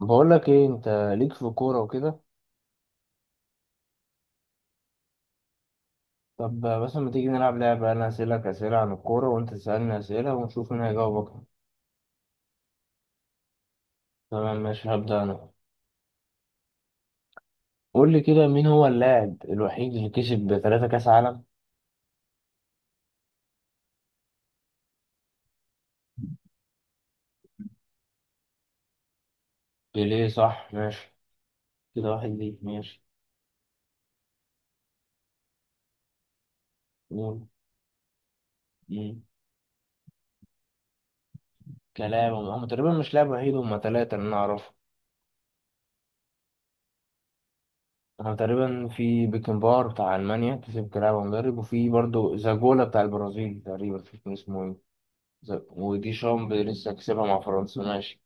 بقول لك ايه انت ليك في الكوره وكده. طب مثلا ما تيجي نلعب لعبه، انا اسالك اسئله عن الكوره وانت تسالني اسئله ونشوف مين هيجاوب اكتر. تمام ماشي، هبدا انا. قول لي كده، مين هو اللاعب الوحيد اللي كسب ثلاثة كاس عالم؟ بيليه صح ماشي، كده واحد ليك، ماشي قول. مم. كلاعب هم تقريبا مش لاعب وحيد، هم ثلاثه اللي انا اعرفه. هم تقريبا في بيكنبار بتاع المانيا كسب كلاعب ومدرب، وفي برضه زاجولا بتاع البرازيل تقريبا مش فاكر اسمه ايه. ودي شامب لسه كسبها مع فرنسا ماشي.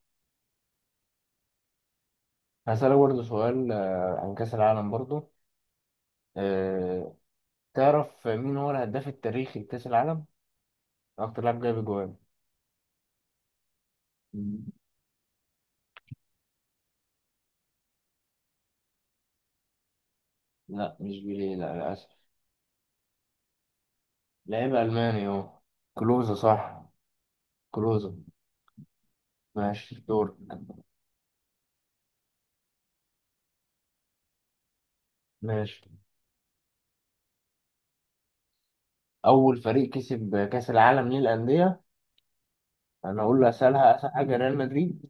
هسألك برضه سؤال عن كأس العالم برضه. آه، تعرف مين هو الهداف التاريخي لكأس العالم؟ أكتر لاعب جايب أجوان. مم. لا مش بيليه، لا للأسف. لعيب ألماني أهو. كلوزة صح. كلوزة. ماشي دور. ماشي، أول فريق كسب كأس العالم ليه الأندية. أنا أقول له أسألها، أسهل حاجة ريال مدريد.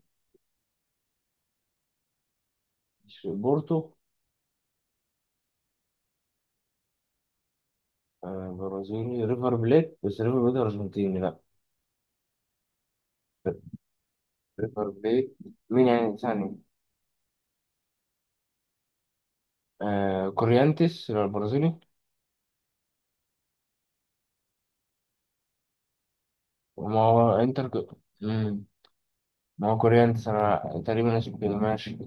مش بورتو. برازيلي ريفر بليت، بس ريفر بليت أرجنتيني لا. ريفر بليت. مين يعني ثاني؟ آه كوريانتيس البرازيلي. ما هو انتر. مم. ما هو كوريا انت تقريبا اسمه كده ماشي.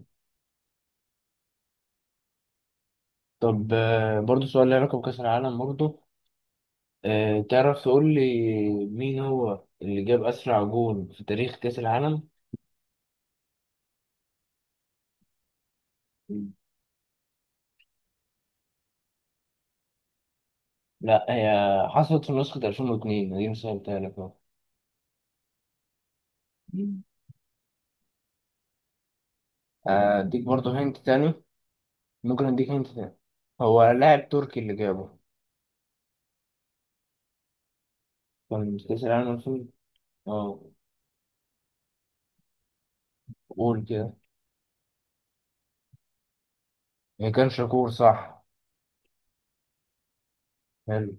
طب برضه سؤال له علاقة بكأس العالم برضه. تعرف تقول لي مين هو اللي جاب أسرع جول في تاريخ كأس العالم؟ مم. لا هي حصلت في نسخة 2002، دي سهلتها لك اهو. مم. اديك برضه هنت تاني. ممكن اديك هنت تاني. هو لاعب تركي اللي جابه، كان في كأس العالم 2000. اه قول كده. ما كان شاكور صح. حلو.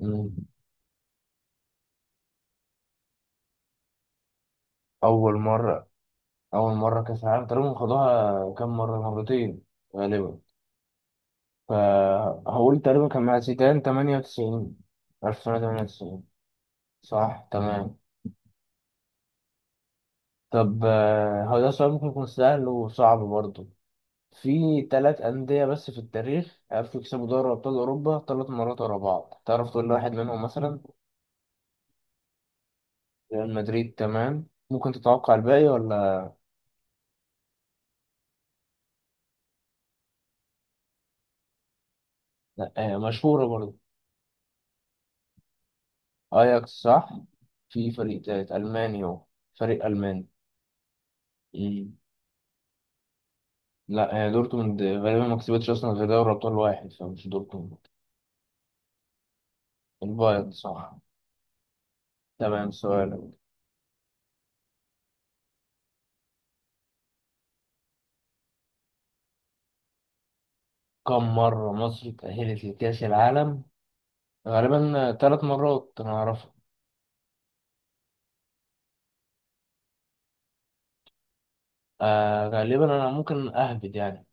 مم. أول مرة، أول مرة كأس العالم تقريبا خدوها كام مرة؟ مرتين غالبا. فهقول تقريبا كان مع زيدان 98، 1998. صح تمام. طب هو ده سؤال ممكن يكون سهل وصعب برضه. في تلات أندية بس في التاريخ عرفوا يكسبوا دوري أبطال أوروبا تلات مرات ورا بعض، تعرف تقول لي واحد منهم مثلا؟ ريال مدريد تمام، ممكن تتوقع الباقي ولا؟ لأ مشهورة برضه. أياكس صح. في فريق تالت ألماني، هو فريق ألماني. لا هي دورتموند غالبا ما كسبتش اصلا غير دوري ابطال واحد، فمش دورتموند. البايرن صح. تمام سؤالك. كم مرة مصر تأهلت لكأس العالم؟ غالبا ثلاث مرات انا اعرفها. غالبا انا ممكن اهبد يعني.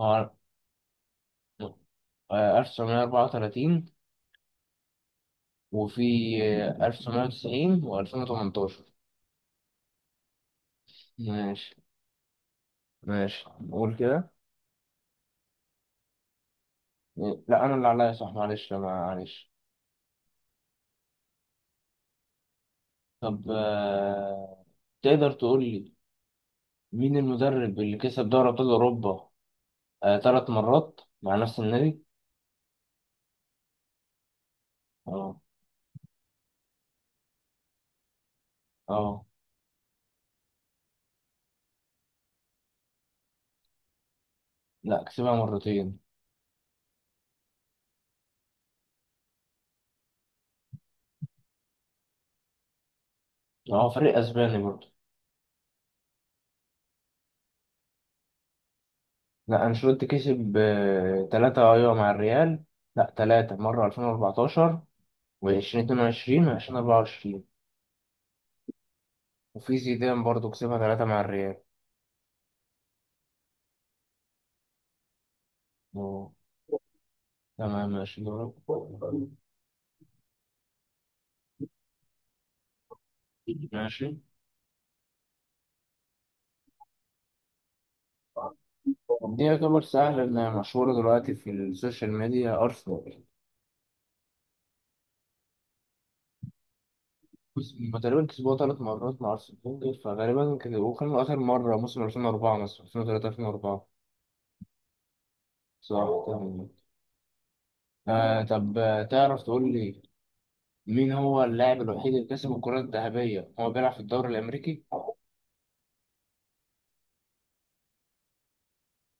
هو 1934. وفي 1990 و2018. ماشي، ماشي نقول كده. لا انا اللي عليا، صح معلش، لا معلش. طب تقدر تقول لي مين المدرب اللي كسب دوري أبطال أوروبا ثلاث مرات مع نفس النادي؟ اه. اه. لا كسبها مرتين. هو فريق أسباني برضه. لا أنشيلوتي كسب ثلاثة، أيوة، مع الريال. لا ثلاثة، مرة 2014 و2022 و2024. وفي زيدان برضه كسبها ثلاثة مع الريال. اه. تمام ماشي دورك. ماشي. دي يعتبر سهل إنها مشهورة دلوقتي في السوشيال ميديا، أرسنال. بص، هما تقريبا كسبوها ثلاث مرات مع أرسنال فغالبا كده، وكان آخر مرة موسم 2004، مثلا 2003 2004. صح تمام. آه طب تعرف تقول لي مين هو اللاعب الوحيد اللي كسب الكرة الذهبية هو بيلعب في الدوري الأمريكي؟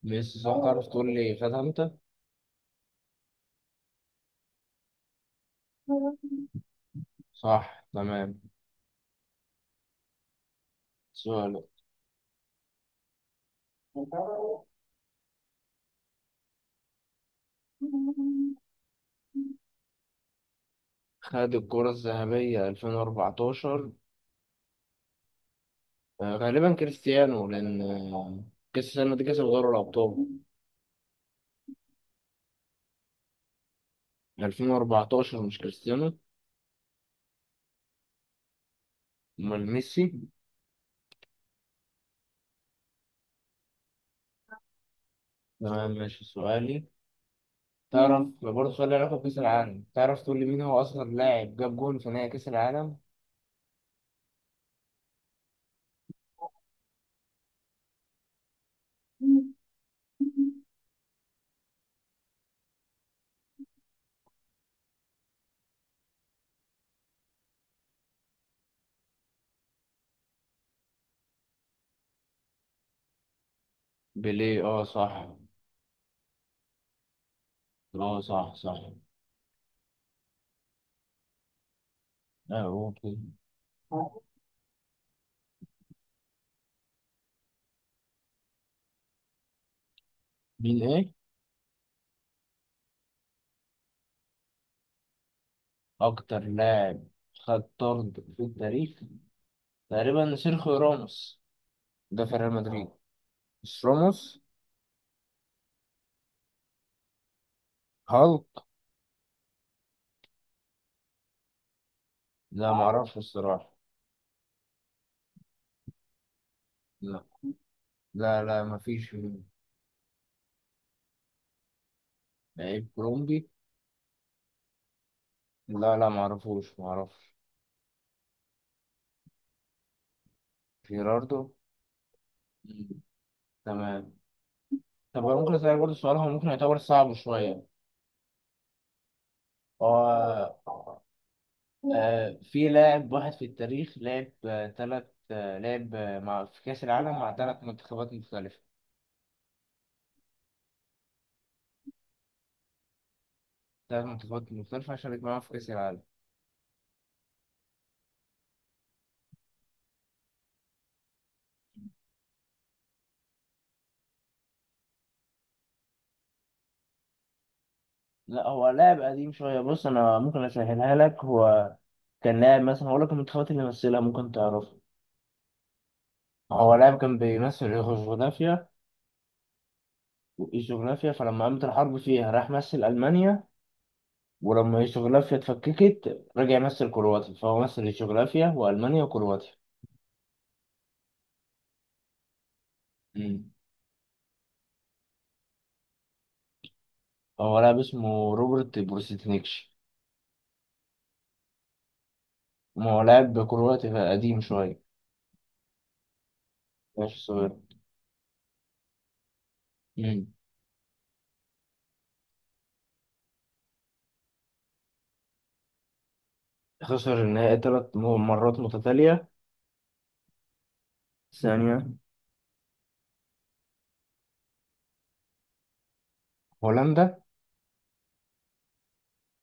ميسي صح، تعرف تقول لي خدها أنت؟ صح تمام. سؤال. خد الكرة الذهبية 2014. غالبا كريستيانو، لأن كأس السنة دي كسب دوري الأبطال. 2014 مش كريستيانو. امال ميسي. تمام ماشي سؤالي. تعرف برضه سؤال له علاقة بكأس العالم، تعرف تقول لي مين هو أصغر لاعب جاب جون في نهائي كأس العالم؟ بيليه اه صح. اه صح صح. اه هو كده. مين ايه؟ أكتر لاعب خد طرد في التاريخ، تقريبا سيرخيو راموس، ده في ريال مدريد. مش راموس. هالك. لا معرفش الصراحة. لا. لا، لا، مفيش. لعيب كولومبي. لا، لا، معرفوش، معرفش. جيراردو. مم. تمام. طب هو ممكن أسألك برضه سؤال، هو ممكن يعتبر صعب شوية. هو في لاعب واحد في التاريخ لعب آه، تلات آه، لعب آه، مع في كأس العالم مع تلات منتخبات مختلفة. تلات منتخبات مختلفة شارك معاهم في كأس العالم. لا هو لاعب قديم شوية، بص أنا ممكن أسهلها لك. هو كان لاعب مثلا، هقول لك المنتخبات اللي مثلها ممكن تعرفها. هو لاعب كان بيمثل يوغوسلافيا. يوغوسلافيا، فلما قامت الحرب فيها راح مثل ألمانيا. ولما يوغوسلافيا اتفككت رجع مثل كرواتيا، فهو مثل يوغوسلافيا وألمانيا وكرواتيا. مم. هو لاعب اسمه روبرت بروسيتنيكش. ما هو لاعب كرواتي قديم شوية. ماشي صغير. مم. خسر النهائي ثلاث مرات متتالية. ثانية. هولندا.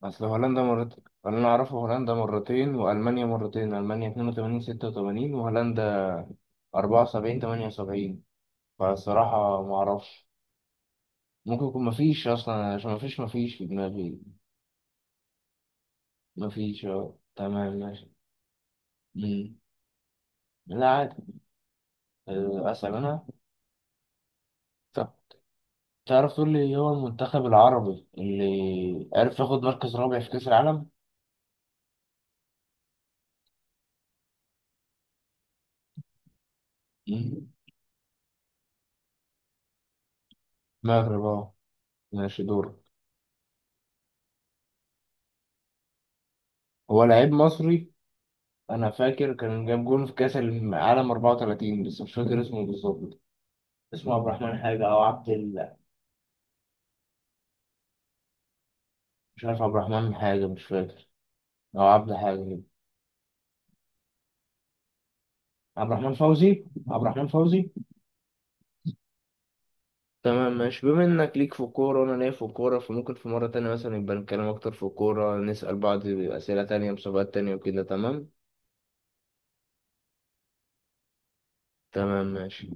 أصل هولندا مرتين، اللي أنا أعرفه هولندا مرتين وألمانيا مرتين، ألمانيا 82 86 وهولندا 74 78. فالصراحة معرفش. ممكن يكون مفيش أصلا، عشان مفيش في دماغي. مفيش اه تمام ماشي. مم. لا عادي. أسأل أنا. طب تعرف تقول لي إيه هو المنتخب العربي اللي عرف ياخد مركز رابع في كأس العالم؟ مم. المغرب اه. ماشي دور. هو لعيب مصري، أنا فاكر كان جاب جون في كأس العالم 34، بس مش فاكر اسمه بالظبط. اسمه عبد الرحمن حاجة أو عبد. مش عارف، عبد الرحمن حاجة مش فاكر، أو عبد حاجة كده. عبد الرحمن فوزي، عبد الرحمن فوزي. تمام ماشي، بما انك ليك في الكورة وانا ليا في الكورة، فممكن في مرة تانية مثلا يبقى نتكلم اكتر في الكورة، نسأل بعض اسئلة تانية مسابقات تانية وكده تمام. تمام ماشي.